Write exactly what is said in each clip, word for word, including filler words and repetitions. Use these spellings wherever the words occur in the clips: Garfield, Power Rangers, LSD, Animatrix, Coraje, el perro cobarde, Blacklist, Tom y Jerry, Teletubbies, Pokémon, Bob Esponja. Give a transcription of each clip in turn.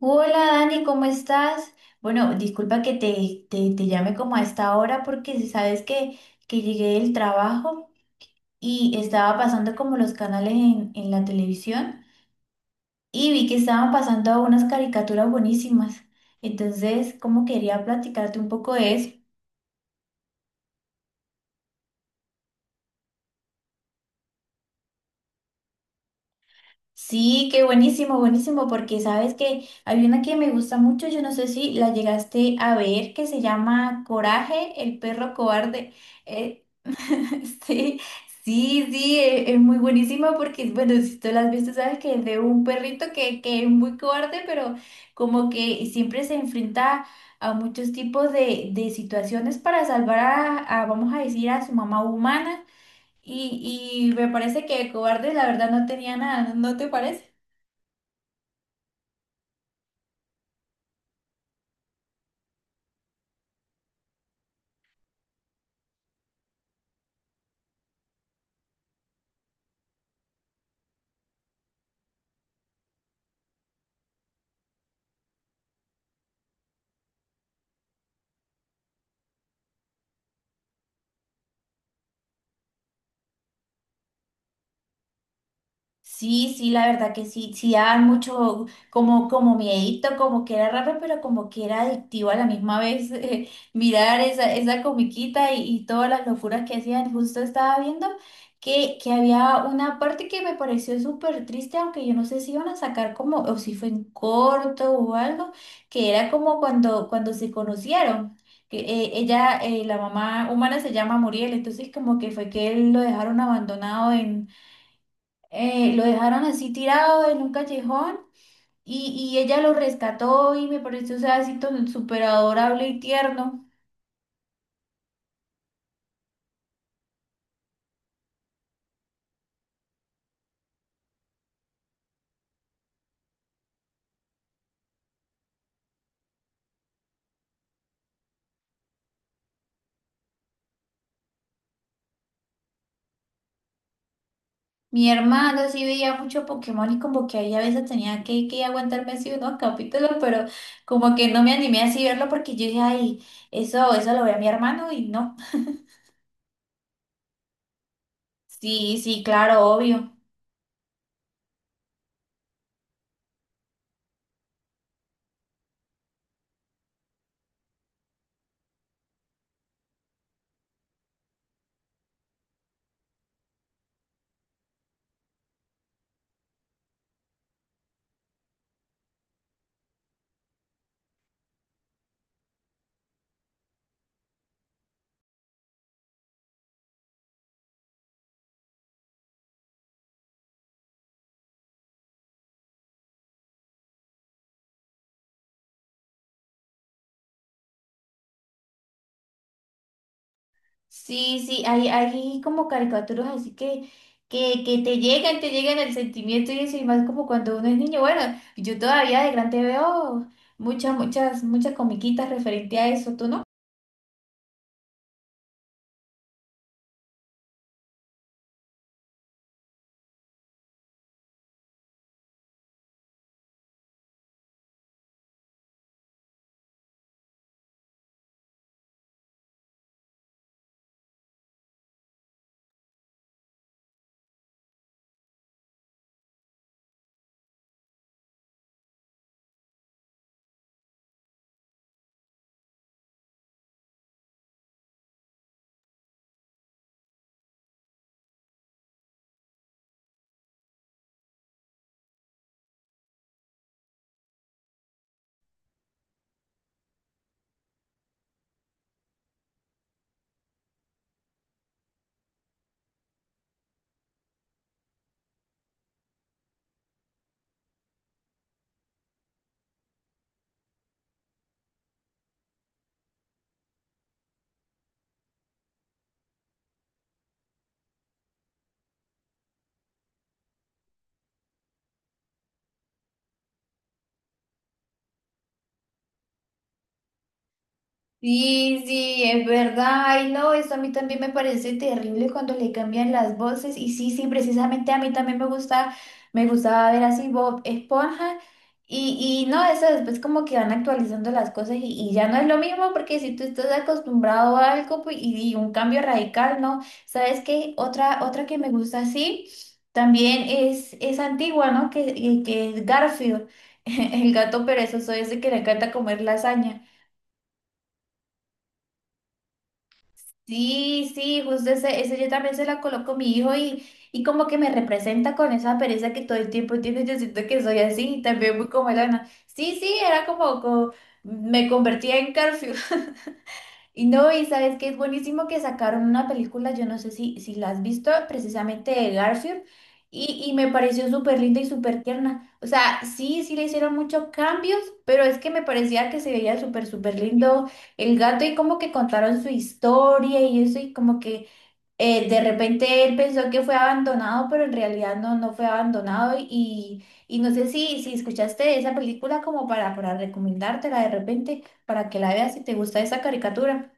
Hola Dani, ¿cómo estás? Bueno, disculpa que te, te, te llame como a esta hora porque si sabes que, que llegué del trabajo y estaba pasando como los canales en, en la televisión y vi que estaban pasando unas caricaturas buenísimas. Entonces, como quería platicarte un poco de eso. Sí, qué buenísimo, buenísimo, porque sabes que hay una que me gusta mucho, yo no sé si la llegaste a ver, que se llama Coraje, el perro cobarde. Eh, sí, sí, sí, e- es muy buenísima porque, bueno, si tú la has visto, sabes que es de un perrito que, que es muy cobarde, pero como que siempre se enfrenta a muchos tipos de, de situaciones para salvar a, a, vamos a decir, a su mamá humana. Y, y me parece que de cobarde la verdad no tenía nada, ¿no te parece? Sí, sí, la verdad que sí, sí daban mucho como, como miedito, como que era raro, pero como que era adictivo a la misma vez eh, mirar esa, esa comiquita y, y todas las locuras que hacían. Justo estaba viendo que, que había una parte que me pareció súper triste, aunque yo no sé si iban a sacar como, o si fue en corto o algo, que era como cuando, cuando se conocieron. Que eh, Ella, eh, la mamá humana se llama Muriel, entonces como que fue que él lo dejaron abandonado, eh, lo dejaron así tirado en un callejón y, y ella lo rescató y me pareció, o sea, así tan súper adorable y tierno. Mi hermana sí veía mucho Pokémon y como que ahí a veces tenía que, que aguantarme así unos capítulos, pero como que no me animé así a verlo porque yo dije, ay, eso, eso lo ve a mi hermano y no. Sí, sí, claro, obvio. Sí, sí, hay, hay como caricaturas así que, que, que te llegan, te llegan el sentimiento y eso, y más como cuando uno es niño. Bueno, yo todavía de grande veo muchas, muchas, muchas comiquitas referente a eso, ¿tú no? Sí, sí, es verdad. Ay, no, eso a mí también me parece terrible cuando le cambian las voces. Y sí, sí, precisamente a mí también me gusta, me gustaba ver así Bob Esponja. Y, y no, eso después como que van actualizando las cosas y, y ya no es lo mismo porque si tú estás acostumbrado a algo pues, y, y un cambio radical, ¿no? ¿Sabes qué? Otra, otra que me gusta así también es, es antigua, ¿no? Que, que que es Garfield, el gato perezoso ese que le encanta comer lasaña. Sí, sí, justo ese, ese yo también se la coloco a mi hijo y, y como que me representa con esa pereza que todo el tiempo tiene. Yo siento que soy así, también muy como Elena. Sí, sí, era como, como- me convertía en Garfield. Y no, y sabes que es buenísimo que sacaron una película, yo no sé si, si la has visto, precisamente de Garfield, y, y me pareció súper linda y súper tierna. O sea, sí, sí le hicieron muchos cambios, pero es que me parecía que se veía súper, súper lindo el gato y como que contaron su historia y eso, y como que eh, de repente él pensó que fue abandonado, pero en realidad no, no fue abandonado. Y, y no sé si, si escuchaste esa película como para, para recomendártela de repente, para que la veas si te gusta esa caricatura.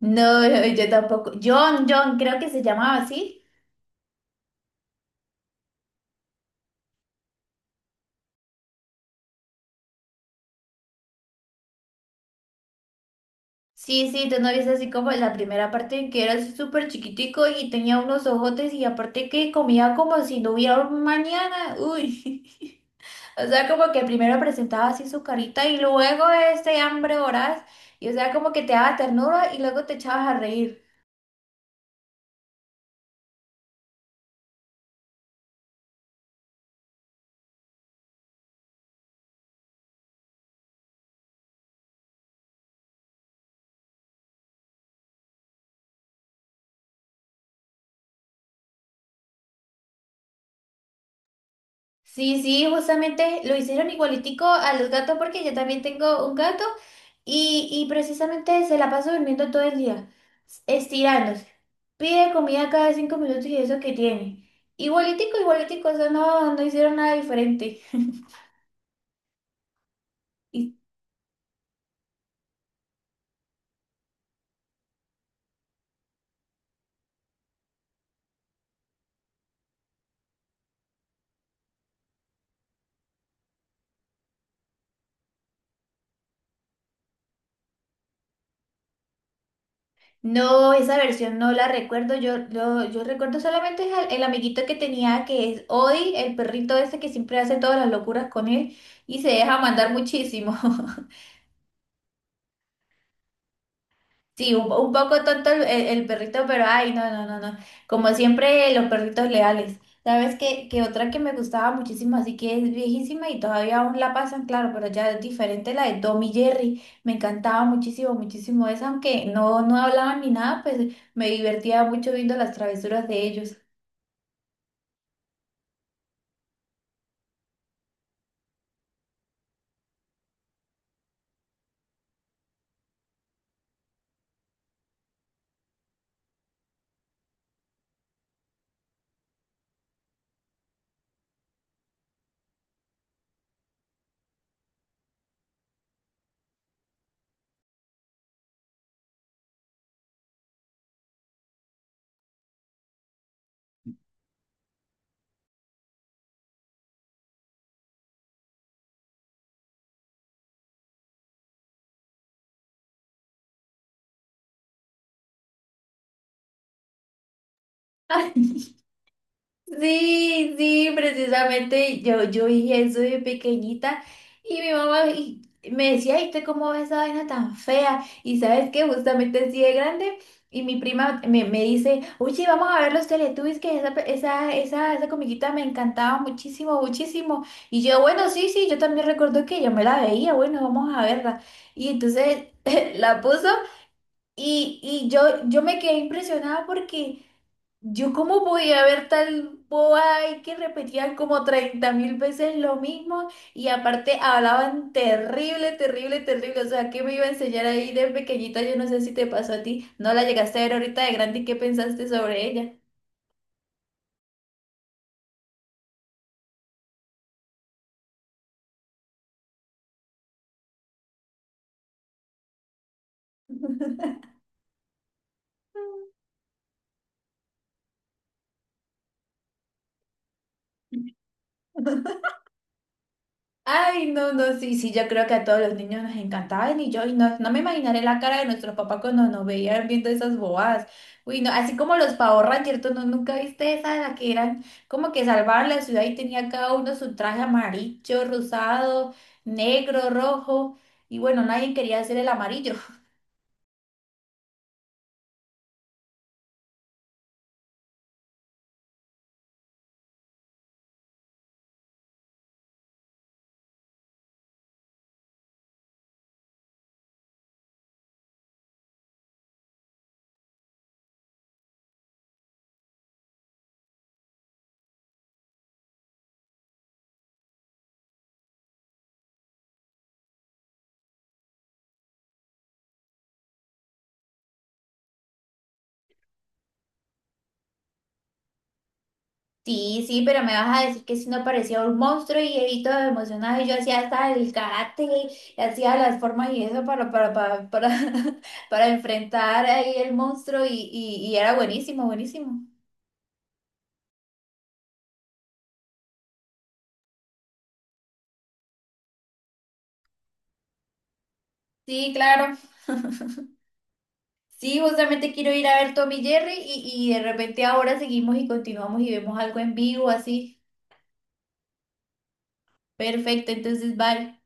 No, yo tampoco. John, John, creo que se llamaba así. Sí, sí, tú no viste así como la primera parte en que era así súper chiquitico y tenía unos ojotes y aparte que comía como si no hubiera un mañana. Uy, o sea, como que primero presentaba así su carita y luego este hambre voraz y o sea, como que te daba ternura y luego te echabas a reír. Sí, sí, justamente lo hicieron igualitico a los gatos porque yo también tengo un gato y, y precisamente se la pasa durmiendo todo el día, estirándose. Pide comida cada cinco minutos y eso que tiene. Igualitico, igualitico, o sea, no, no hicieron nada diferente. Y- No, esa versión no la recuerdo. Yo, yo, yo recuerdo solamente al- el amiguito que tenía, que es hoy el perrito ese que siempre hace todas las locuras con él y se deja mandar muchísimo. Sí, un, un poco tonto el, el- el perrito, pero ay, no, no, no, no. Como siempre, los perritos leales. ¿Sabes qué? Que otra que me gustaba muchísimo, así que es viejísima y todavía aún la pasan, claro, pero ya es diferente la de Tom y Jerry. Me encantaba muchísimo, muchísimo esa, aunque no, no hablaban ni nada, pues me divertía mucho viendo las travesuras de ellos. Sí, sí, precisamente yo, yo hice eso de pequeñita y mi mamá y- me decía, ¿y usted cómo ves esa vaina tan fea? Y sabes que justamente así de grande y mi prima me, me dice, oye, vamos a ver los Teletubbies, que esa, pe- esa, esa, esa comiquita me encantaba muchísimo, muchísimo. Y yo, bueno, sí, sí, yo también recuerdo que yo me la veía, bueno, vamos a verla. Y entonces la puso y, y yo, yo me quedé impresionada porque... Yo cómo voy a ver tal boba y que repetían como treinta mil veces lo mismo y aparte hablaban terrible, terrible, terrible. O sea, ¿qué me iba a enseñar ahí de pequeñita? Yo no sé si te pasó a ti. No la llegaste a ver ahorita de grande y qué pensaste sobre ella. Ay, no, no, sí, sí, yo creo que a todos los niños nos encantaban y yo y no, no me imaginaré la cara de nuestros papás cuando nos veían viendo esas bobadas. Uy, no, así como los Power Rangers, ¿tú no, nunca viste esa, la que eran como que salvaban la ciudad y tenía cada uno su traje amarillo, rosado, negro, rojo y bueno, nadie quería hacer el amarillo. Sí, sí, pero me vas a decir que si no parecía un monstruo y Evito emocionado y yo hacía hasta el karate y hacía las formas y eso para, para, para, para, para enfrentar ahí el monstruo y, y, y era buenísimo, buenísimo. Sí, claro. Sí, justamente quiero ir a ver Tommy y Jerry y, y de repente ahora seguimos y continuamos y vemos algo en vivo así. Perfecto, entonces vale.